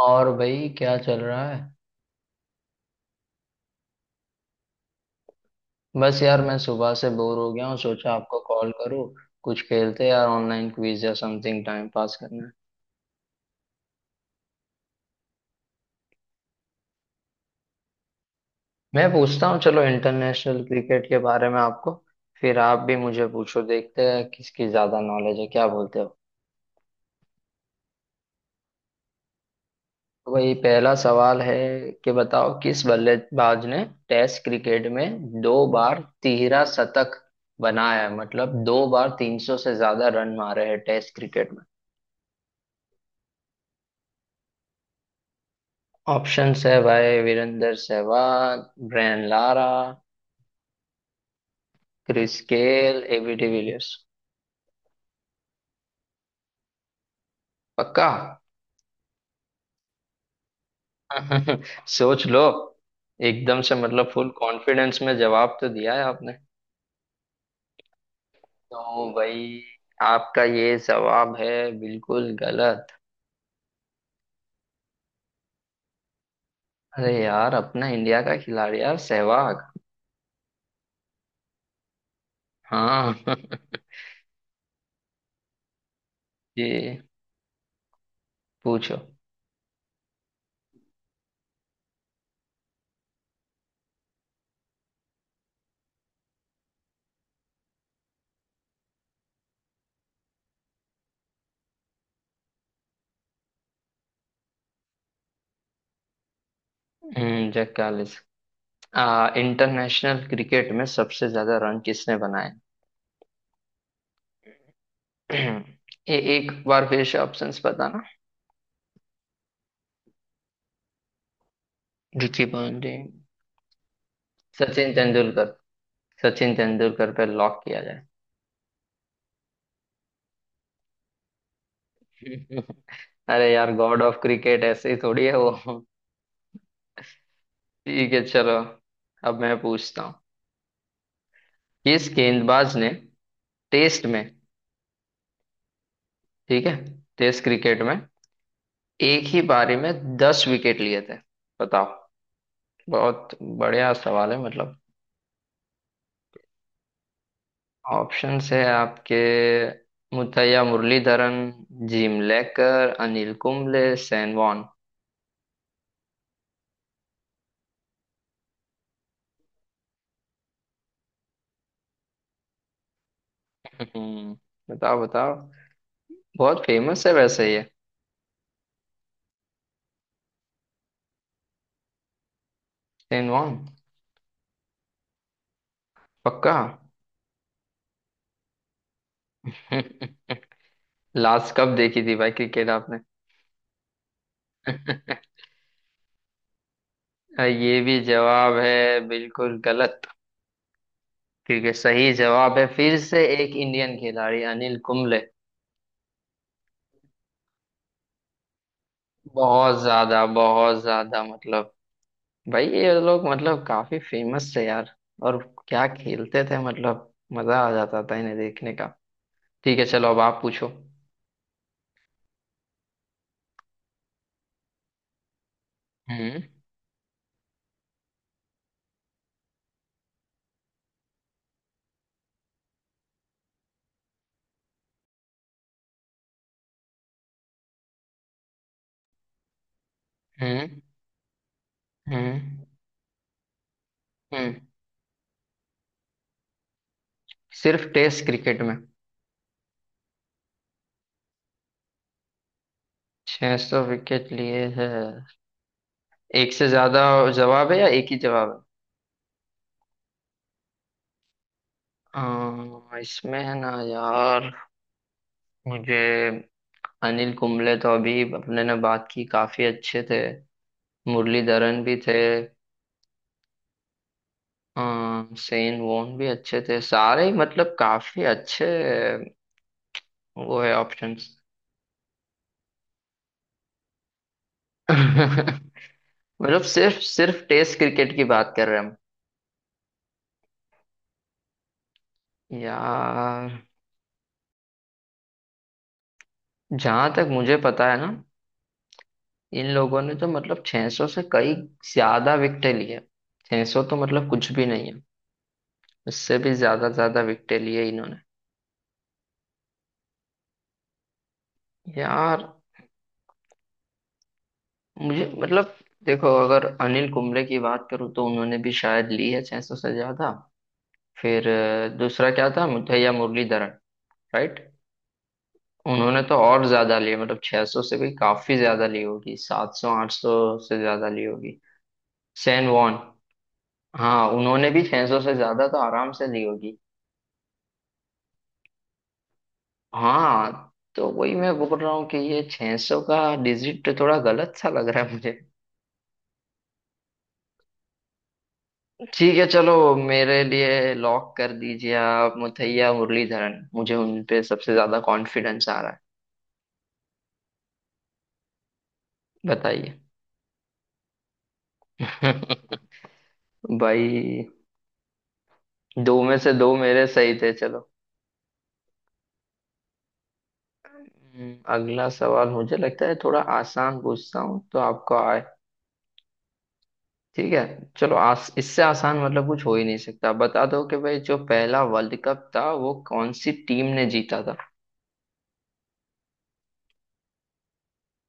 और भाई क्या चल रहा है? बस यार मैं सुबह से बोर हो गया हूँ, सोचा आपको कॉल करूँ। कुछ खेलते यार, ऑनलाइन क्विज या समथिंग, टाइम पास करना है। मैं पूछता हूँ, चलो इंटरनेशनल क्रिकेट के बारे में आपको। फिर आप भी मुझे पूछो, देखते हैं किसकी ज्यादा नॉलेज है, क्या बोलते हो? तो भाई पहला सवाल है कि बताओ, किस बल्लेबाज ने टेस्ट क्रिकेट में दो बार तिहरा शतक बनाया है, मतलब दो बार 300 से ज्यादा रन मारे हैं टेस्ट क्रिकेट। ऑप्शंस है भाई, Virender Sehwag, Brian Lara, Chris Gayle, AB de Villiers. पक्का? सोच लो। एकदम से मतलब फुल कॉन्फिडेंस में जवाब तो दिया है आपने। तो भाई, आपका ये जवाब है बिल्कुल गलत। अरे यार, अपना इंडिया का खिलाड़ी यार, सहवाग। हाँ। ये पूछो। Jack Kallis. आ इंटरनेशनल क्रिकेट में सबसे ज्यादा रन किसने बनाए? ए, एक बार फिर से ऑप्शंस बताना। Ricky Ponting, Sachin Tendulkar. सचिन तेंदुलकर पे लॉक किया जाए? अरे यार, गॉड ऑफ क्रिकेट ऐसे ही थोड़ी है वो। ठीक है, चलो अब मैं पूछता हूँ। किस गेंदबाज ने टेस्ट में, ठीक है, टेस्ट क्रिकेट में एक ही पारी में 10 विकेट लिए थे, बताओ। बहुत बढ़िया सवाल है मतलब। ऑप्शंस है आपके, Muttiah Muralidaran, Jim Laker, Anil Kumble, Shane Warne. हम्म, बताओ बताओ। बहुत फेमस है वैसे ये। Shane Warne? पक्का? लास्ट कब देखी थी भाई क्रिकेट आपने? ये भी जवाब है बिल्कुल गलत। क्योंकि सही जवाब है फिर से एक इंडियन खिलाड़ी, अनिल कुंबले। बहुत ज्यादा, बहुत ज्यादा, मतलब भाई ये लोग मतलब काफी फेमस थे यार। और क्या खेलते थे मतलब, मजा आ जाता था इन्हें देखने का। ठीक है, चलो अब आप पूछो। हम्म। हम्म। हम्म। हम्म। सिर्फ टेस्ट क्रिकेट में 600 विकेट लिए है, एक से ज्यादा जवाब है या एक ही जवाब है? इसमें है ना यार, मुझे अनिल कुंबले तो अभी अपने ने बात की, काफी अच्छे थे। मुरलीधरन भी थे। हाँ, सेन वोन भी अच्छे थे, सारे ही मतलब काफी अच्छे। वो है ऑप्शंस। मतलब सिर्फ सिर्फ टेस्ट क्रिकेट की बात कर रहे हैं हम। यार, जहां तक मुझे पता है ना, इन लोगों ने तो मतलब 600 से कई ज्यादा विकेट लिए। 600 तो मतलब कुछ भी नहीं है, उससे भी ज्यादा ज्यादा विकेट लिए इन्होंने। यार, मुझे मतलब, देखो अगर अनिल कुंबले की बात करूँ तो उन्होंने भी शायद ली है 600 से ज्यादा। फिर दूसरा क्या था, मुथैया मुरलीधरन, राइट। उन्होंने तो और ज्यादा लिए, मतलब 600 से भी काफी ज्यादा ली होगी, 700 800 से ज्यादा ली होगी। सैन वॉन, हाँ, उन्होंने भी 600 से ज्यादा तो आराम से ली होगी। हाँ, तो वही मैं बोल रहा हूँ कि ये 600 का डिजिट थोड़ा गलत सा लग रहा है मुझे। ठीक है, चलो मेरे लिए लॉक कर दीजिए आप मुथैया मुरलीधरन, मुझे उन पे सबसे ज्यादा कॉन्फिडेंस आ रहा है, बताइए। भाई, दो में से दो मेरे सही थे, चलो। अगला सवाल मुझे लगता है थोड़ा आसान पूछता हूँ, तो आपको आए। ठीक है, चलो, आस इससे आसान मतलब कुछ हो ही नहीं सकता, बता दो कि भाई जो पहला वर्ल्ड कप था वो कौन सी टीम ने जीता था।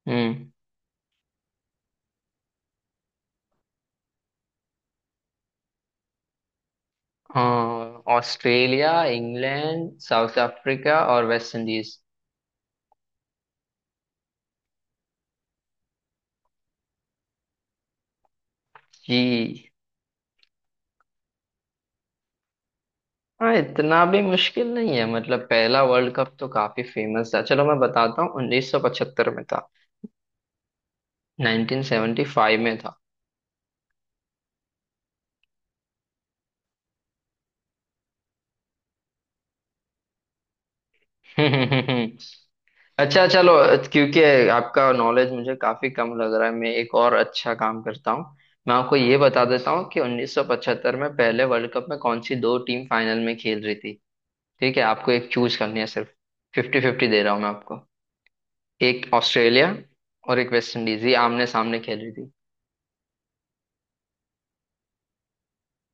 हम्म। हाँ, ऑस्ट्रेलिया, इंग्लैंड, साउथ अफ्रीका और वेस्ट इंडीज। जी। हाँ, इतना भी मुश्किल नहीं है मतलब, पहला वर्ल्ड कप तो काफी फेमस था, चलो मैं बताता हूँ 1975 में था। 1975 में था। अच्छा, चलो। क्योंकि आपका नॉलेज मुझे काफी कम लग रहा है, मैं एक और अच्छा काम करता हूँ। मैं आपको ये बता देता हूँ कि 1975 में पहले वर्ल्ड कप में कौन सी दो टीम फाइनल में खेल रही थी। ठीक है, आपको एक चूज करनी है सिर्फ, फिफ्टी फिफ्टी दे रहा हूँ मैं आपको। एक ऑस्ट्रेलिया और एक वेस्ट इंडीज, ये आमने सामने खेल रही थी।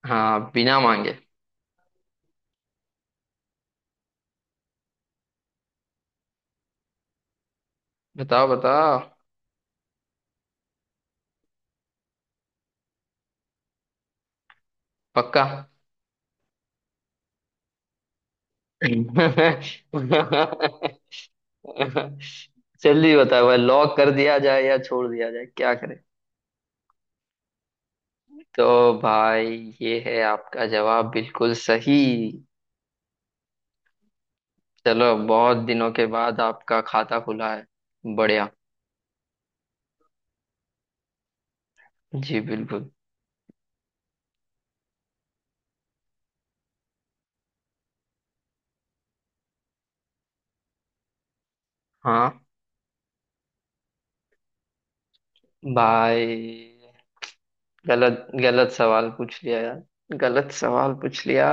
हाँ, बिना मांगे। बताओ बताओ, पक्का? जल्दी बताओ भाई, लॉक कर दिया जाए या छोड़ दिया जाए, क्या करें? तो भाई, ये है आपका जवाब, बिल्कुल सही। चलो, बहुत दिनों के बाद आपका खाता खुला है। बढ़िया। जी बिल्कुल। हाँ। भाई, गलत गलत सवाल पूछ लिया यार, गलत सवाल पूछ लिया।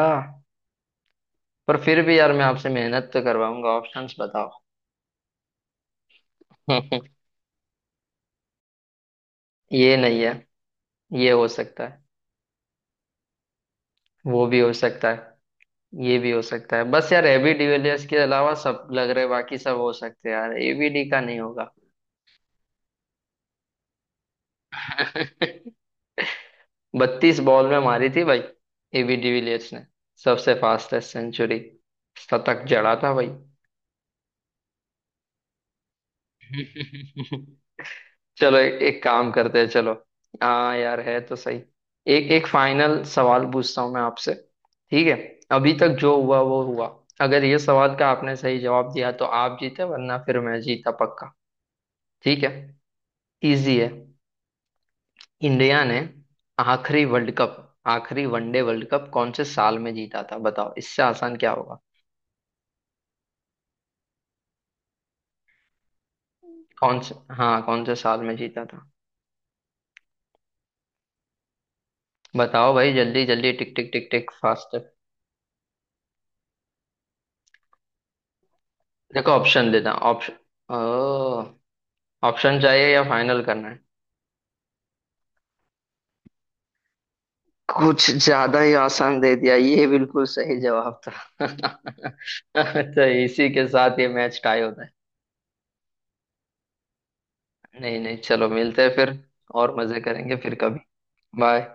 पर फिर भी यार, मैं आपसे मेहनत तो करवाऊंगा, ऑप्शंस बताओ। ये नहीं है। ये हो सकता है। वो भी हो सकता है। ये भी हो सकता है, बस यार एबी डिविलियर्स के अलावा सब लग रहे, बाकी सब हो सकते हैं यार, एबी डी का नहीं होगा। 32 बॉल में मारी थी भाई, एबी डिविलियर्स ने सबसे फास्टेस्ट सेंचुरी, शतक जड़ा था भाई। चलो, एक काम करते हैं, चलो। हाँ यार, है तो सही। एक एक फाइनल सवाल पूछता हूँ मैं आपसे। ठीक है, अभी तक जो हुआ वो हुआ। अगर ये सवाल का आपने सही जवाब दिया तो आप जीते, वरना फिर मैं जीता, पक्का? ठीक है, इजी है। इंडिया ने आखिरी वर्ल्ड कप, आखिरी वनडे वर्ल्ड कप कौन से साल में जीता था, बताओ, इससे आसान क्या होगा? कौन से हाँ, कौन से साल में जीता था? बताओ भाई जल्दी जल्दी, tick tick tick tick, fast. देखो ऑप्शन देता, ऑप्शन। ऑप्शन चाहिए या फाइनल करना है? कुछ ज्यादा ही आसान दे दिया, ये बिल्कुल सही जवाब था। तो इसी के साथ ये मैच टाई होता है। नहीं नहीं, चलो मिलते हैं फिर, और मजे करेंगे फिर कभी। बाय।